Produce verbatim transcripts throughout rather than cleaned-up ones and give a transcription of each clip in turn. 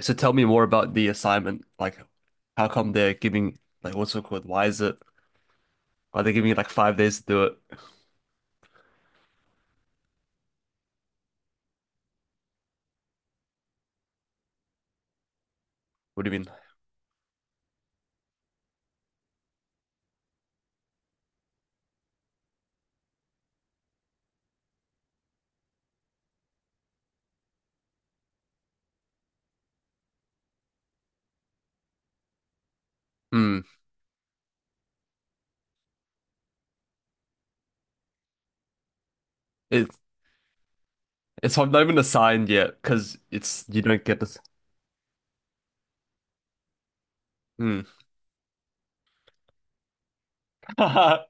So tell me more about the assignment. Like, how come they're giving, like, what's it called? Why is it, are they giving you like five days to do it? What do you mean? Hmm. It's, it's not even assigned yet because it's, you don't get this. Hmm.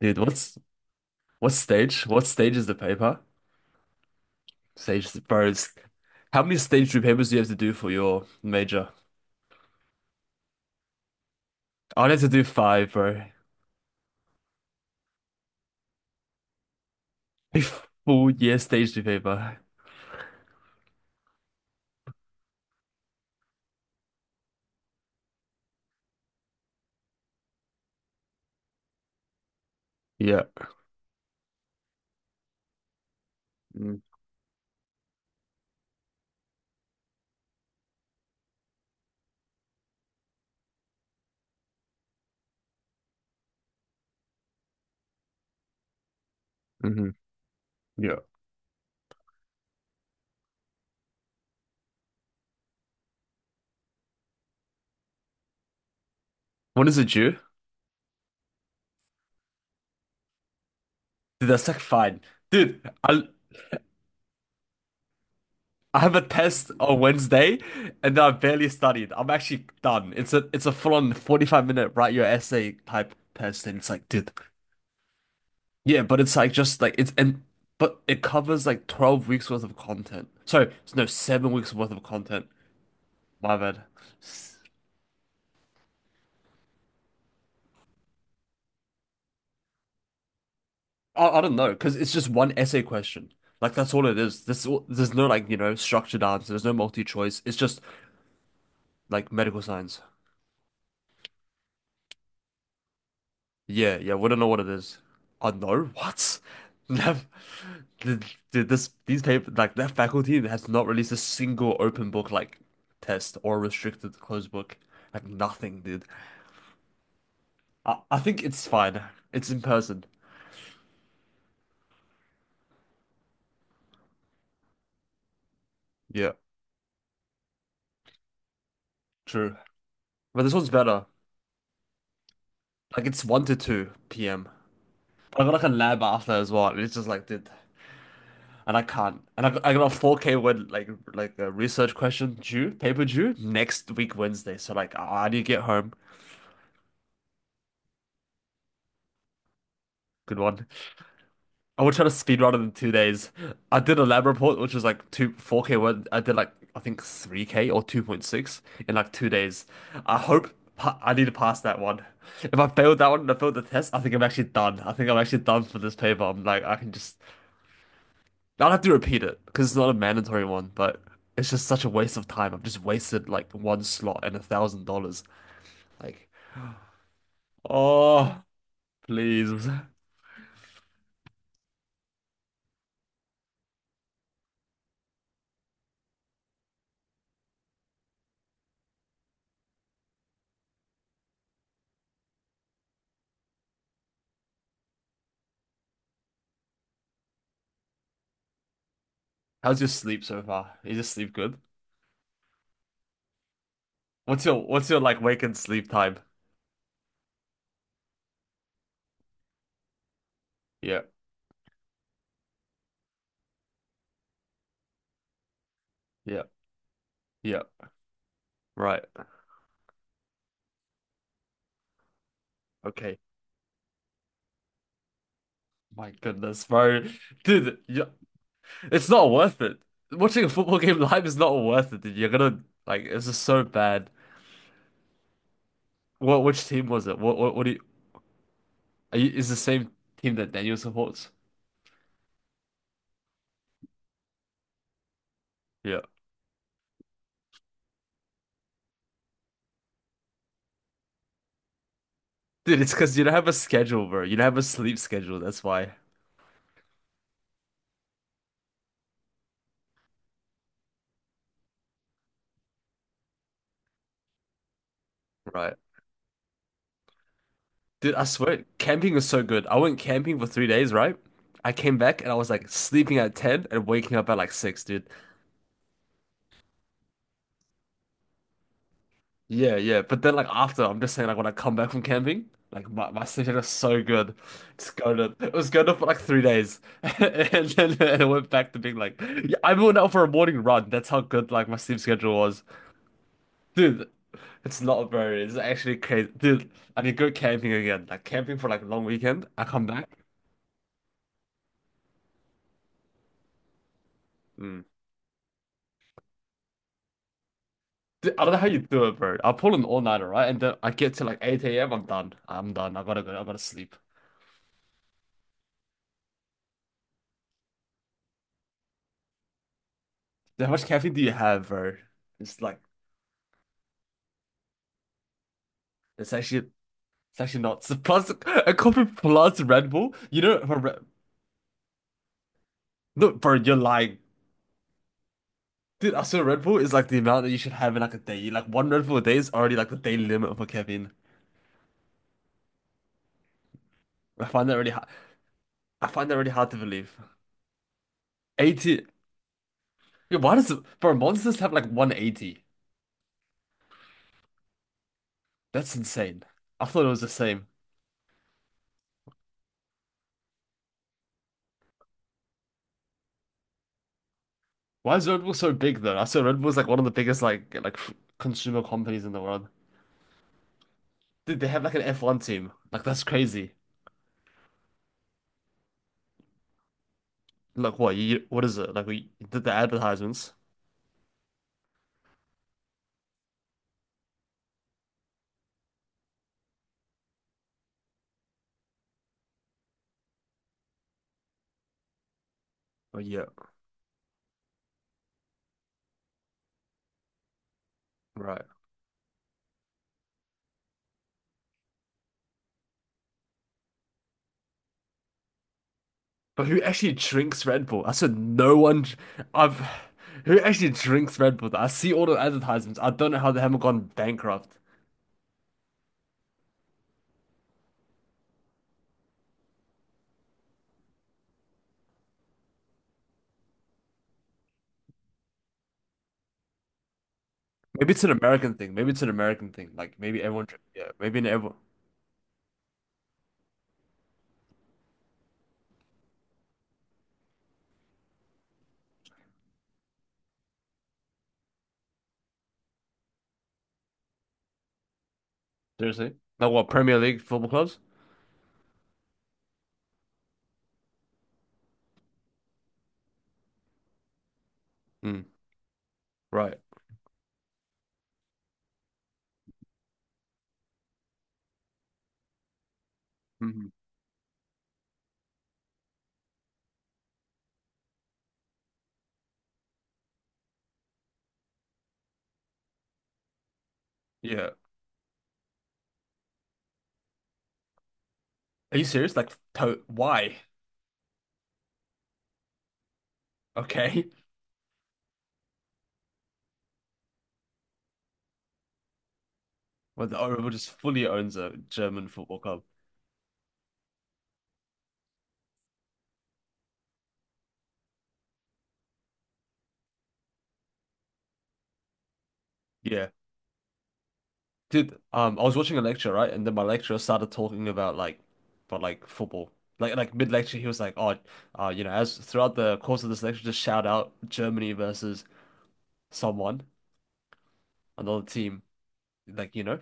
Dude, what's, what stage? What stage is the paper? Stage, bro. it's- How many stage two papers do you have to do for your major? I'd have to do five, bro. A full year stage two paper. Yeah. Mm-hmm. Yeah. When is it due? Dude, that's like fine. Dude, I I have a test on Wednesday and I've barely studied. I'm actually done. It's a it's a full-on forty-five minute write your essay type test and it's like, dude. Yeah, but it's like just like it's and but it covers like twelve weeks worth of content. Sorry, no, seven weeks worth of content. My bad. I, I don't know, because it's just one essay question. Like that's all it is. This There's no like, you know, structured answer. There's no multi choice. It's just like medical science. Yeah, yeah, we don't know what it is. I know what? That, th- th- this these paper like that faculty has not released a single open book like test or restricted closed book. Like nothing, dude. I, I think it's fine. It's in person. Yeah. True. But this one's better. Like it's one to two p m. I got like a lab after as well. And it's just like, dude, and I can't. And I got, I got a four k word like like a research question due, paper due next week Wednesday. So like I I need to get home. Good one. I would try to speed run it in two days. I did a lab report, which was like two, four k one. I did like, I think three k or two point six in like two days. I hope pa I need to pass that one. If I failed that one and I failed the test, I think I'm actually done. I think I'm actually done for this paper. I'm like, I can just, I'll have to repeat it because it's not a mandatory one, but it's just such a waste of time. I've just wasted like one slot and a thousand dollars. Like, oh, please. How's your sleep so far? You just sleep good? What's your, what's your like wake and sleep time? Yeah, yeah, yeah. Right. Okay. My goodness, bro. Dude, yeah, it's not worth it. Watching a football game live is not worth it, dude. You're gonna like it's just so bad. What which team was it? What what what do you, are you is the same team that Daniel supports? Yeah. Dude, it's because you don't have a schedule, bro. You don't have a sleep schedule, that's why. Right. Dude, I swear, camping is so good. I went camping for three days, right? I came back and I was like sleeping at ten and waking up at like six, dude. Yeah, yeah. But then like after, I'm just saying like when I come back from camping, like my, my sleep schedule is so good. It's going to it was going to for like three days. And then it went back to being like yeah, I went out for a morning run. That's how good like my sleep schedule was. Dude, it's not very it's actually crazy. Dude, I need to go camping again. Like camping for like a long weekend. I come back. Mm. Dude, I don't know how you do it, bro. I pull an all-nighter, right? And then I get to like eight a m. I'm done. I'm done. I gotta go. I gotta sleep. Dude, how much caffeine do you have, bro? It's like it's actually It's actually not. So plus a coffee plus Red Bull. You know, for Red... no, bro, you're lying. Dude, I swear Red Bull is like the amount that you should have in like a day. Like one Red Bull a day is already like the daily limit for caffeine. I find that really hard. I find that really hard to believe. eighty. Yeah, why does it... bro Monsters have like one eighty? That's insane. I thought it was the same. Why is Red Bull so big though? I saw Red Bull is like one of the biggest like like f- consumer companies in the world. Dude, they have like an F one team. Like that's crazy. Like what? You, what is it? Like we did the advertisements. Oh, yeah. Right. But who actually drinks Red Bull? I said no one. I I've Who actually drinks Red Bull? I see all the advertisements. I don't know how they haven't gone bankrupt. Maybe it's an American thing. Maybe it's an American thing. Like maybe everyone. Drink- Yeah. Maybe in everyone. Seriously? Like what? Premier League football clubs? Mm. Right. Hmm. Yeah. Are you serious? Like to why? Okay. Well, the Oreo just fully owns a German football club. Yeah. Dude, um, I was watching a lecture, right? And then my lecturer started talking about like, about like football. Like, like mid lecture, he was like, "Oh, uh, you know, as throughout the course of this lecture, just shout out Germany versus someone, another team, like you know."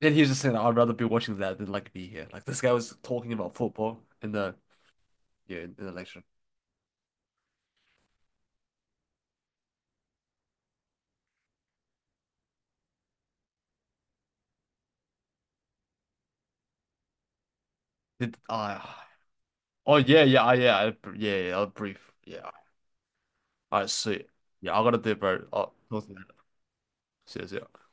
Then he was just saying, "I'd rather be watching that than like be here." Like this guy was talking about football in the yeah in, in the lecture. Did I? Oh yeah yeah I- yeah I, yeah yeah I'll brief yeah I see yeah I gotta do it, bro. Oh, talk to you. See ya, see ya.